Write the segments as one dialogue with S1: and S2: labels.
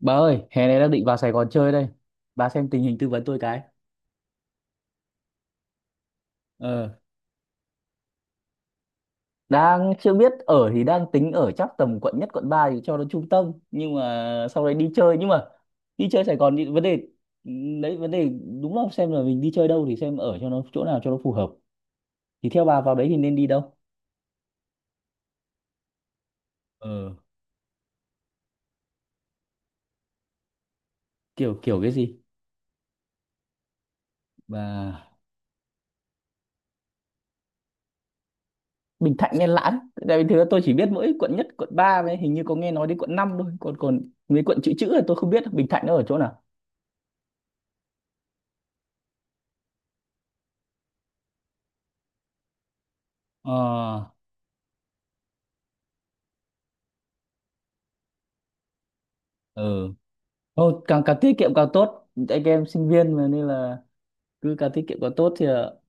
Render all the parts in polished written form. S1: Bà ơi, hè này đang định vào Sài Gòn chơi đây. Bà xem tình hình tư vấn tôi cái. Ờ. Đang chưa biết ở, thì đang tính ở chắc tầm quận nhất quận 3 thì cho nó trung tâm, nhưng mà sau đấy đi chơi nhưng mà đi chơi Sài Gòn thì vấn đề, đúng không, xem là mình đi chơi đâu thì xem ở cho nó chỗ nào cho nó phù hợp. Thì theo bà vào đấy thì nên đi đâu? Ờ, kiểu kiểu cái gì? Bà, Bình Thạnh hay Lãn? Tại vì thứ tôi chỉ biết mỗi quận nhất, quận 3 với hình như có nghe nói đến quận 5 thôi, còn còn mấy quận chữ chữ là tôi không biết Bình Thạnh nó ở chỗ nào. Ờ, ừ. Ô, càng càng tiết kiệm càng tốt, anh em sinh viên mà, nên là cứ càng tiết kiệm càng tốt thì ờ,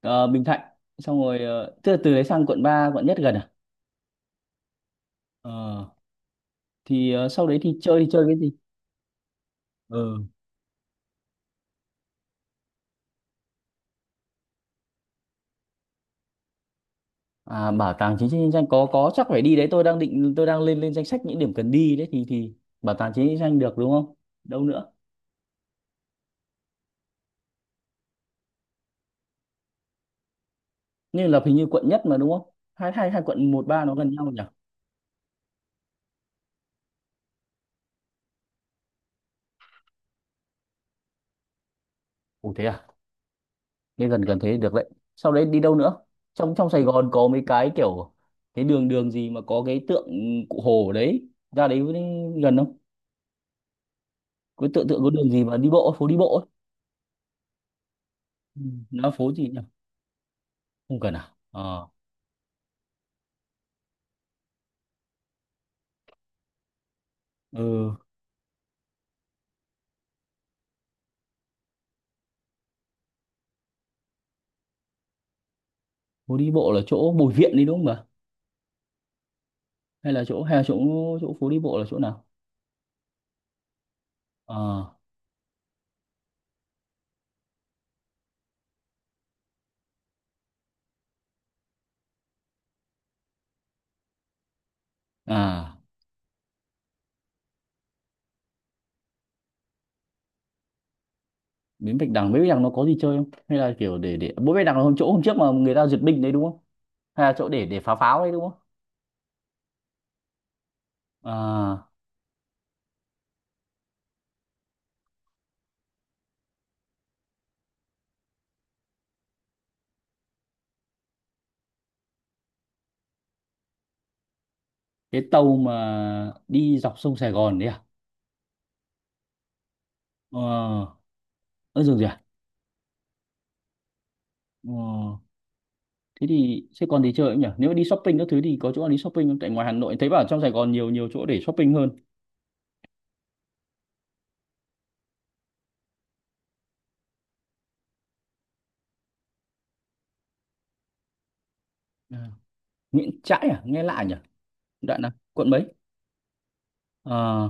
S1: ờ, Bình Thạnh xong rồi, tức là từ đấy sang quận 3 quận nhất gần à. Ờ, thì sau đấy thì chơi cái gì? Ừ. À, bảo tàng chính trị nhân danh có chắc phải đi đấy. Tôi đang định, tôi đang lên lên danh sách những điểm cần đi đấy thì bảo tàng chính trị nhân danh được đúng không, đâu nữa? Như là hình như quận nhất mà đúng không, hai hai hai quận một ba nó gần nhau nhỉ. Ủa thế, nên gần gần thế được đấy. Sau đấy đi đâu nữa? Trong Trong Sài Gòn có mấy cái kiểu cái đường đường gì mà có cái tượng cụ Hồ ở đấy. Ra đấy gần không? Cái tượng tượng có đường gì mà đi bộ, phố đi bộ ấy. Ừ, nó phố gì nhỉ? Không cần à? Ờ. Ừ, phố đi bộ là chỗ Bùi Viện đi đúng không ạ? Hay là chỗ chỗ phố đi bộ là chỗ nào? Ờ. À, Bến Bạch Đằng nó có gì chơi không? Hay là kiểu để Bến Bạch Đằng là hôm chỗ hôm trước mà người ta duyệt binh đấy đúng không? Hay là chỗ để phá pháo đấy đúng không? À, cái tàu mà đi dọc sông Sài Gòn đấy à? Ờ ơ dường gì à? ờ Thế thì sẽ còn gì chơi không nhỉ, nếu mà đi shopping các thứ thì có chỗ nào đi shopping không, tại ngoài Hà Nội thấy bảo trong Sài Gòn nhiều nhiều chỗ để shopping hơn. À. Nguyễn Trãi à, nghe lạ nhỉ. Đoạn nào, quận mấy? ờ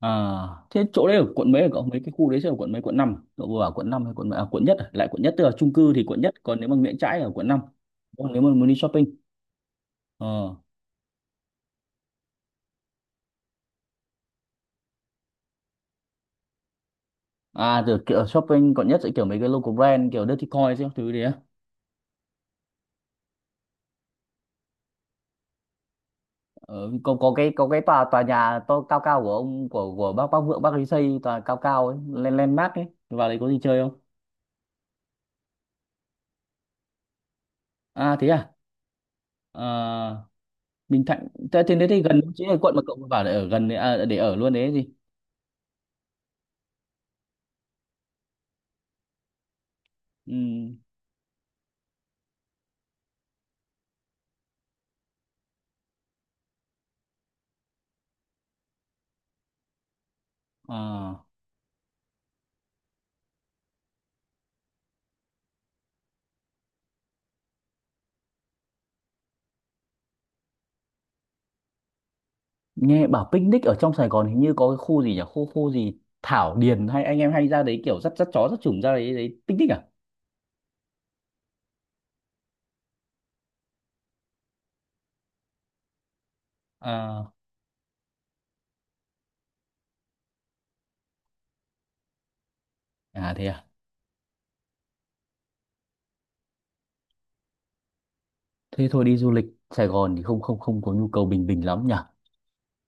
S1: À, thế chỗ đấy ở quận mấy, ở cậu mấy cái khu đấy sẽ ở quận mấy, quận 5 à? Cậu vừa bảo quận 5 hay quận mấy? À, quận nhất à? Lại quận nhất, tức là chung cư thì quận nhất còn nếu mà Nguyễn Trãi ở quận năm. Còn nếu mà muốn đi shopping, ờ à, rồi kiểu shopping quận nhất sẽ kiểu mấy cái local brand kiểu Dirty Coin các thứ đấy á. Ờ, có cái tòa tòa nhà to cao cao của ông, của bác, Vượng bác ấy xây tòa cao cao ấy, lên lên mát ấy, vào đấy có gì chơi không? À thế à. Ờ, Bình Thạnh thế thế đấy thì gần chứ, là quận mà cậu bảo để ở gần đấy à, để ở luôn đấy ấy gì. Ừ. À, nghe bảo picnic ở trong Sài Gòn hình như có cái khu gì nhỉ, khu khu gì Thảo Điền hay anh em hay ra đấy kiểu dắt dắt chó dắt chủng ra đấy đấy picnic à? à À thế à. Thế thôi, đi du lịch Sài Gòn thì không không không có nhu cầu bình bình lắm nhỉ.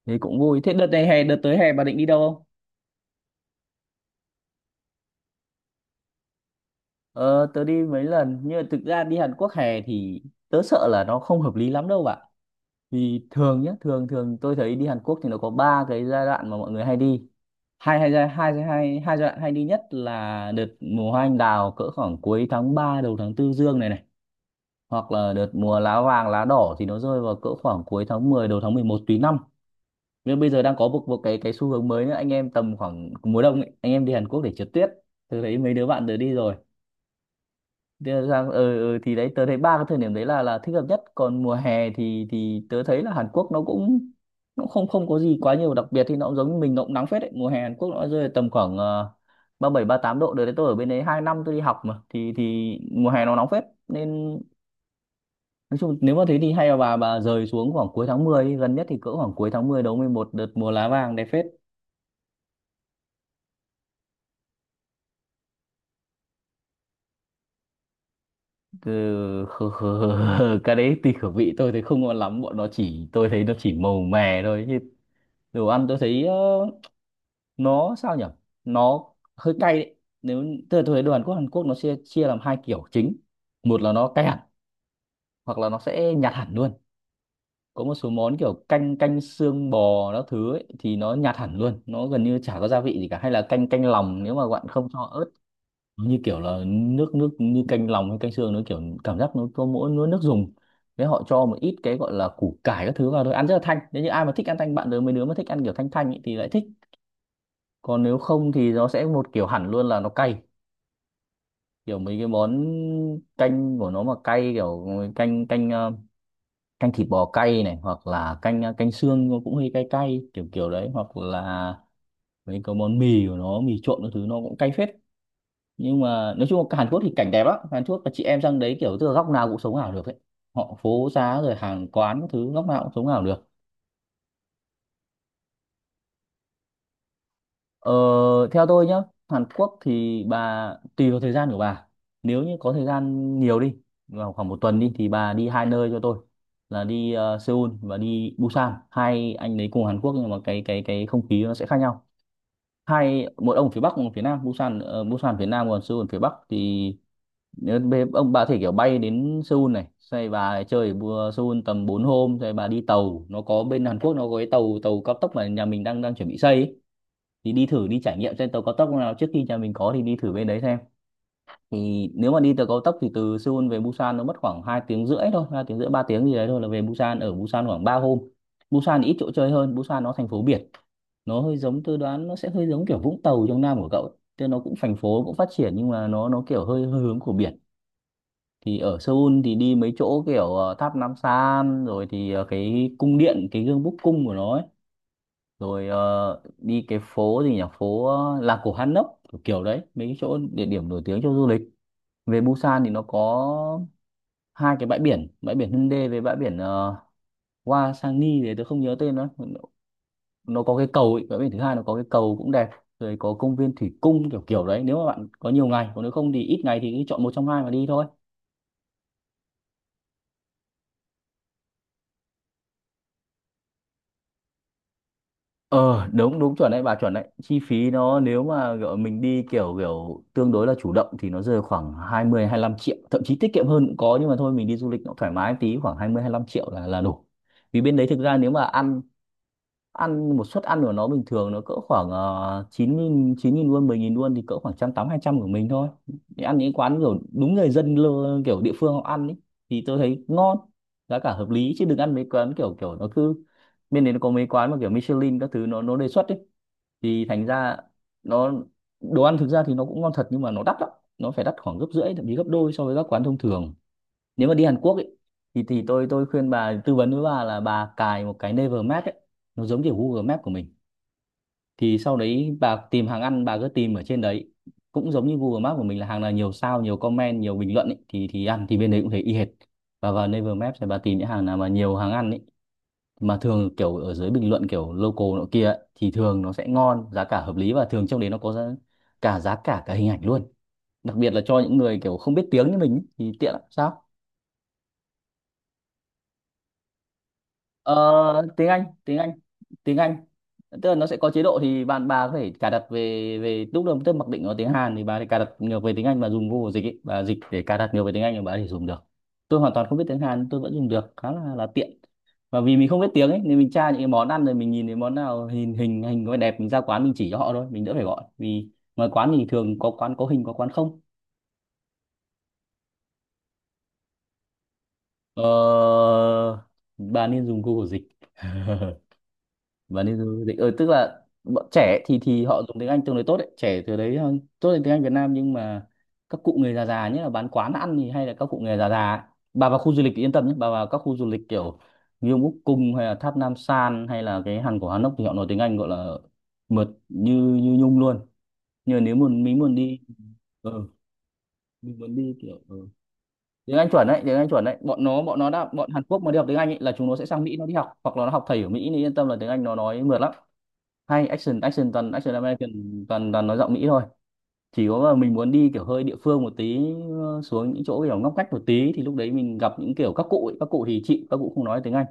S1: Thế cũng vui. Thế đợt tới hè bà định đi đâu không? Ờ, tớ đi mấy lần nhưng mà thực ra đi Hàn Quốc hè thì tớ sợ là nó không hợp lý lắm đâu bạn. Vì thường thường tôi thấy đi Hàn Quốc thì nó có ba cái giai đoạn mà mọi người hay đi. Hai hai giai hai giai- hai hai giai đoạn hay đi nhất là đợt mùa hoa anh đào cỡ khoảng cuối tháng 3 đầu tháng 4 dương này này. Hoặc là đợt mùa lá vàng lá đỏ thì nó rơi vào cỡ khoảng cuối tháng 10 đầu tháng 11 tùy năm. Nhưng bây giờ đang có một một cái xu hướng mới nữa, anh em tầm khoảng mùa đông ấy, anh em đi Hàn Quốc để trượt tuyết. Tôi thấy mấy đứa bạn tớ đi rồi. Thế là sang, ừ, thì đấy tớ thấy ba cái thời điểm đấy là thích hợp nhất. Còn mùa hè thì tớ thấy là Hàn Quốc nó cũng, nó không không có gì quá nhiều đặc biệt, thì nó cũng giống như mình, nó cũng nắng phết đấy. Mùa hè Hàn Quốc nó rơi tầm khoảng 37-38 độ đấy đấy. Tôi ở bên đấy 2 năm tôi đi học mà, thì mùa hè nó nóng phết, nên nói chung nếu mà thế thì hay là bà rời xuống khoảng cuối tháng 10 đi. Gần nhất thì cỡ khoảng cuối tháng 10 đầu 11 đợt mùa lá vàng đẹp phết. Ừ, cái đấy tùy khẩu vị, tôi thấy không ngon lắm. Bọn nó chỉ, tôi thấy nó chỉ màu mè thôi chứ. Đồ ăn tôi thấy nó sao nhỉ, nó hơi cay đấy. Nếu, tức là tôi thấy đồ Hàn Quốc, nó chia chia làm hai kiểu chính. Một là nó cay hẳn, hoặc là nó sẽ nhạt hẳn luôn. Có một số món kiểu canh, xương bò các thứ ấy, thì nó nhạt hẳn luôn, nó gần như chả có gia vị gì cả. Hay là canh, lòng, nếu mà bạn không cho ớt, nó như kiểu là nước nước, như canh lòng hay canh xương, nó kiểu cảm giác nó có mỗi nó nước dùng. Nếu họ cho một ít cái gọi là củ cải các thứ vào thôi, ăn rất là thanh, nếu như ai mà thích ăn thanh, bạn đứa mấy đứa mà thích ăn kiểu thanh thanh ấy thì lại thích. Còn nếu không thì nó sẽ một kiểu hẳn luôn là nó cay, kiểu mấy cái món canh của nó mà cay, kiểu canh, canh thịt bò cay này, hoặc là canh canh xương nó cũng hơi cay cay, kiểu kiểu đấy, hoặc là mấy cái món mì của nó, mì trộn các thứ nó cũng cay phết. Nhưng mà nói chung là Hàn Quốc thì cảnh đẹp lắm. Hàn Quốc là chị em sang đấy kiểu tức là góc nào cũng sống ảo được ấy. Họ phố xá rồi hàng quán các thứ, góc nào cũng sống ảo được. Ờ, theo tôi nhá, Hàn Quốc thì bà tùy vào thời gian của bà. Nếu như có thời gian nhiều đi, vào khoảng một tuần đi, thì bà đi hai nơi cho tôi là đi Seoul và đi Busan. Hai anh đấy cùng Hàn Quốc nhưng mà cái không khí nó sẽ khác nhau. Hai, một ông ở phía Bắc, một ở phía Nam. Busan phía Nam, còn Seoul phía Bắc thì nếu ông bà có thể kiểu bay đến Seoul này, xoay bà chơi ở Seoul tầm 4 hôm, rồi bà đi tàu. Nó có, bên Hàn Quốc nó có cái tàu tàu cao tốc mà nhà mình đang đang chuẩn bị xây ấy, thì đi thử đi trải nghiệm trên tàu cao tốc nào trước khi nhà mình có, thì đi thử bên đấy xem. Thì nếu mà đi tàu cao tốc thì từ Seoul về Busan nó mất khoảng 2 tiếng rưỡi thôi, 2 tiếng rưỡi 3 tiếng gì đấy thôi, là về Busan. Ở Busan khoảng 3 hôm. Busan thì ít chỗ chơi hơn, Busan nó thành phố biển. Nó hơi giống, tôi đoán nó sẽ hơi giống kiểu Vũng Tàu trong Nam của cậu ấy. Tức là nó cũng thành phố cũng phát triển nhưng mà nó kiểu hơi hướng của biển. Thì ở Seoul thì đi mấy chỗ kiểu tháp Nam San, rồi thì cái cung điện, cái gương búc cung của nó ấy, rồi đi cái phố gì nhỉ, phố làng cổ Hanok kiểu, đấy, mấy cái chỗ địa điểm nổi tiếng cho du lịch. Về Busan thì nó có hai cái bãi biển, bãi biển Hyundai với bãi biển Hwasangi đấy, tôi không nhớ tên nữa. Nó có cái cầu ấy. Bãi biển thứ hai nó có cái cầu cũng đẹp, rồi có công viên thủy cung, kiểu kiểu đấy. Nếu mà bạn có nhiều ngày, còn nếu không thì ít ngày thì cứ chọn một trong hai mà đi thôi. Ờ, đúng đúng chuẩn đấy bà, chuẩn đấy. Chi phí nó nếu mà kiểu mình đi kiểu kiểu tương đối là chủ động thì nó rơi khoảng 20 lăm triệu, thậm chí tiết kiệm hơn cũng có, nhưng mà thôi, mình đi du lịch nó thoải mái tí, khoảng 20 lăm triệu là đủ. Vì bên đấy thực ra nếu mà ăn, ăn một suất ăn của nó bình thường nó cỡ khoảng 9.000 9.000 won, 10.000 won, thì cỡ khoảng trăm tám, hai trăm của mình thôi. Đi ăn những quán kiểu đúng người dân kiểu địa phương họ ăn ấy thì tôi thấy ngon, giá cả hợp lý, chứ đừng ăn mấy quán kiểu kiểu nó cứ, bên đấy nó có mấy quán mà kiểu Michelin các thứ nó đề xuất ấy, thì thành ra nó, đồ ăn thực ra thì nó cũng ngon thật nhưng mà nó đắt lắm, nó phải đắt khoảng gấp rưỡi, thậm chí gấp đôi so với các quán thông thường. Nếu mà đi Hàn Quốc ấy, thì thì tôi khuyên bà, tư vấn với bà là bà cài một cái Naver Map ấy, nó giống như Google Map của mình. Thì sau đấy bà tìm hàng ăn, bà cứ tìm ở trên đấy, cũng giống như Google Map của mình là hàng nào nhiều sao, nhiều comment, nhiều bình luận ấy, thì ăn thì bên đấy cũng thấy y hệt. Và vào Naver Map thì bà tìm những hàng nào mà nhiều hàng ăn ấy, mà thường kiểu ở dưới bình luận kiểu local nọ kia ấy, thì thường nó sẽ ngon, giá cả hợp lý, và thường trong đấy nó có giá, cả giá cả, cả hình ảnh luôn. Đặc biệt là cho những người kiểu không biết tiếng như mình ấy, thì tiện lắm sao. Ờ, tiếng Anh, tiếng Anh. Tức là nó sẽ có chế độ, thì bà có thể cài đặt về, lúc đầu tức mặc định nó tiếng Hàn, thì bà thì cài đặt ngược về tiếng Anh và dùng Google dịch ấy. Bà dịch để cài đặt ngược về tiếng Anh thì bà thì dùng được. Tôi hoàn toàn không biết tiếng Hàn, tôi vẫn dùng được, khá là tiện. Và vì mình không biết tiếng ấy nên mình tra những cái món ăn, rồi mình nhìn thấy món nào hình hình hình có vẻ đẹp, mình ra quán mình chỉ cho họ thôi, mình đỡ phải gọi, vì ngoài quán thì thường có quán có hình, có quán không. ờ, bà nên dùng Google dịch. Và nên dịch, tức là bọn trẻ thì họ dùng tiếng Anh tương đối tốt đấy, trẻ từ đấy tốt lên tiếng Anh Việt Nam, nhưng mà các cụ người già, già nhất là bán quán ăn thì hay là các cụ người già già ấy. Bà vào khu du lịch thì yên tâm nhé, bà vào các khu du lịch kiểu Gyeonguk Úc Cung, hay là Tháp Nam San, hay là cái hang của Hanok, thì họ nói tiếng Anh gọi là mượt như như nhung luôn. Nhưng mà nếu muốn, mình muốn đi, ừ, mình muốn đi kiểu, ừ, tiếng Anh chuẩn đấy, tiếng Anh chuẩn đấy. Bọn nó đã, bọn Hàn Quốc mà đi học tiếng Anh ấy, là chúng nó sẽ sang Mỹ nó đi học, hoặc là nó học thầy ở Mỹ, thì yên tâm là tiếng Anh nó nói mượt lắm. Hay action, toàn action American, toàn toàn nói giọng Mỹ thôi. Chỉ có là mình muốn đi kiểu hơi địa phương một tí, ờ, xuống những chỗ kiểu ngóc ngách một tí, thì lúc đấy mình gặp những kiểu các cụ ấy. Các cụ thì chị, các cụ không nói tiếng Anh,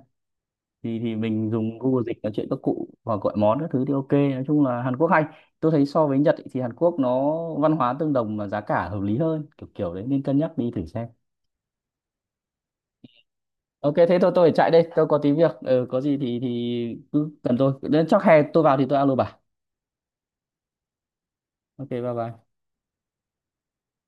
S1: thì mình dùng Google dịch nói chuyện các cụ, hoặc gọi món các thứ thì ok. Nói chung là Hàn Quốc hay, tôi thấy so với Nhật ấy, thì Hàn Quốc nó văn hóa tương đồng mà giá cả hợp lý hơn, kiểu kiểu đấy, nên cân nhắc đi thử xem. Ok thế thôi, tôi phải chạy đây, tôi có tí việc, ừ, có gì thì cứ cần tôi, đến chắc hè tôi vào thì tôi alo bà. Ok, bye bye.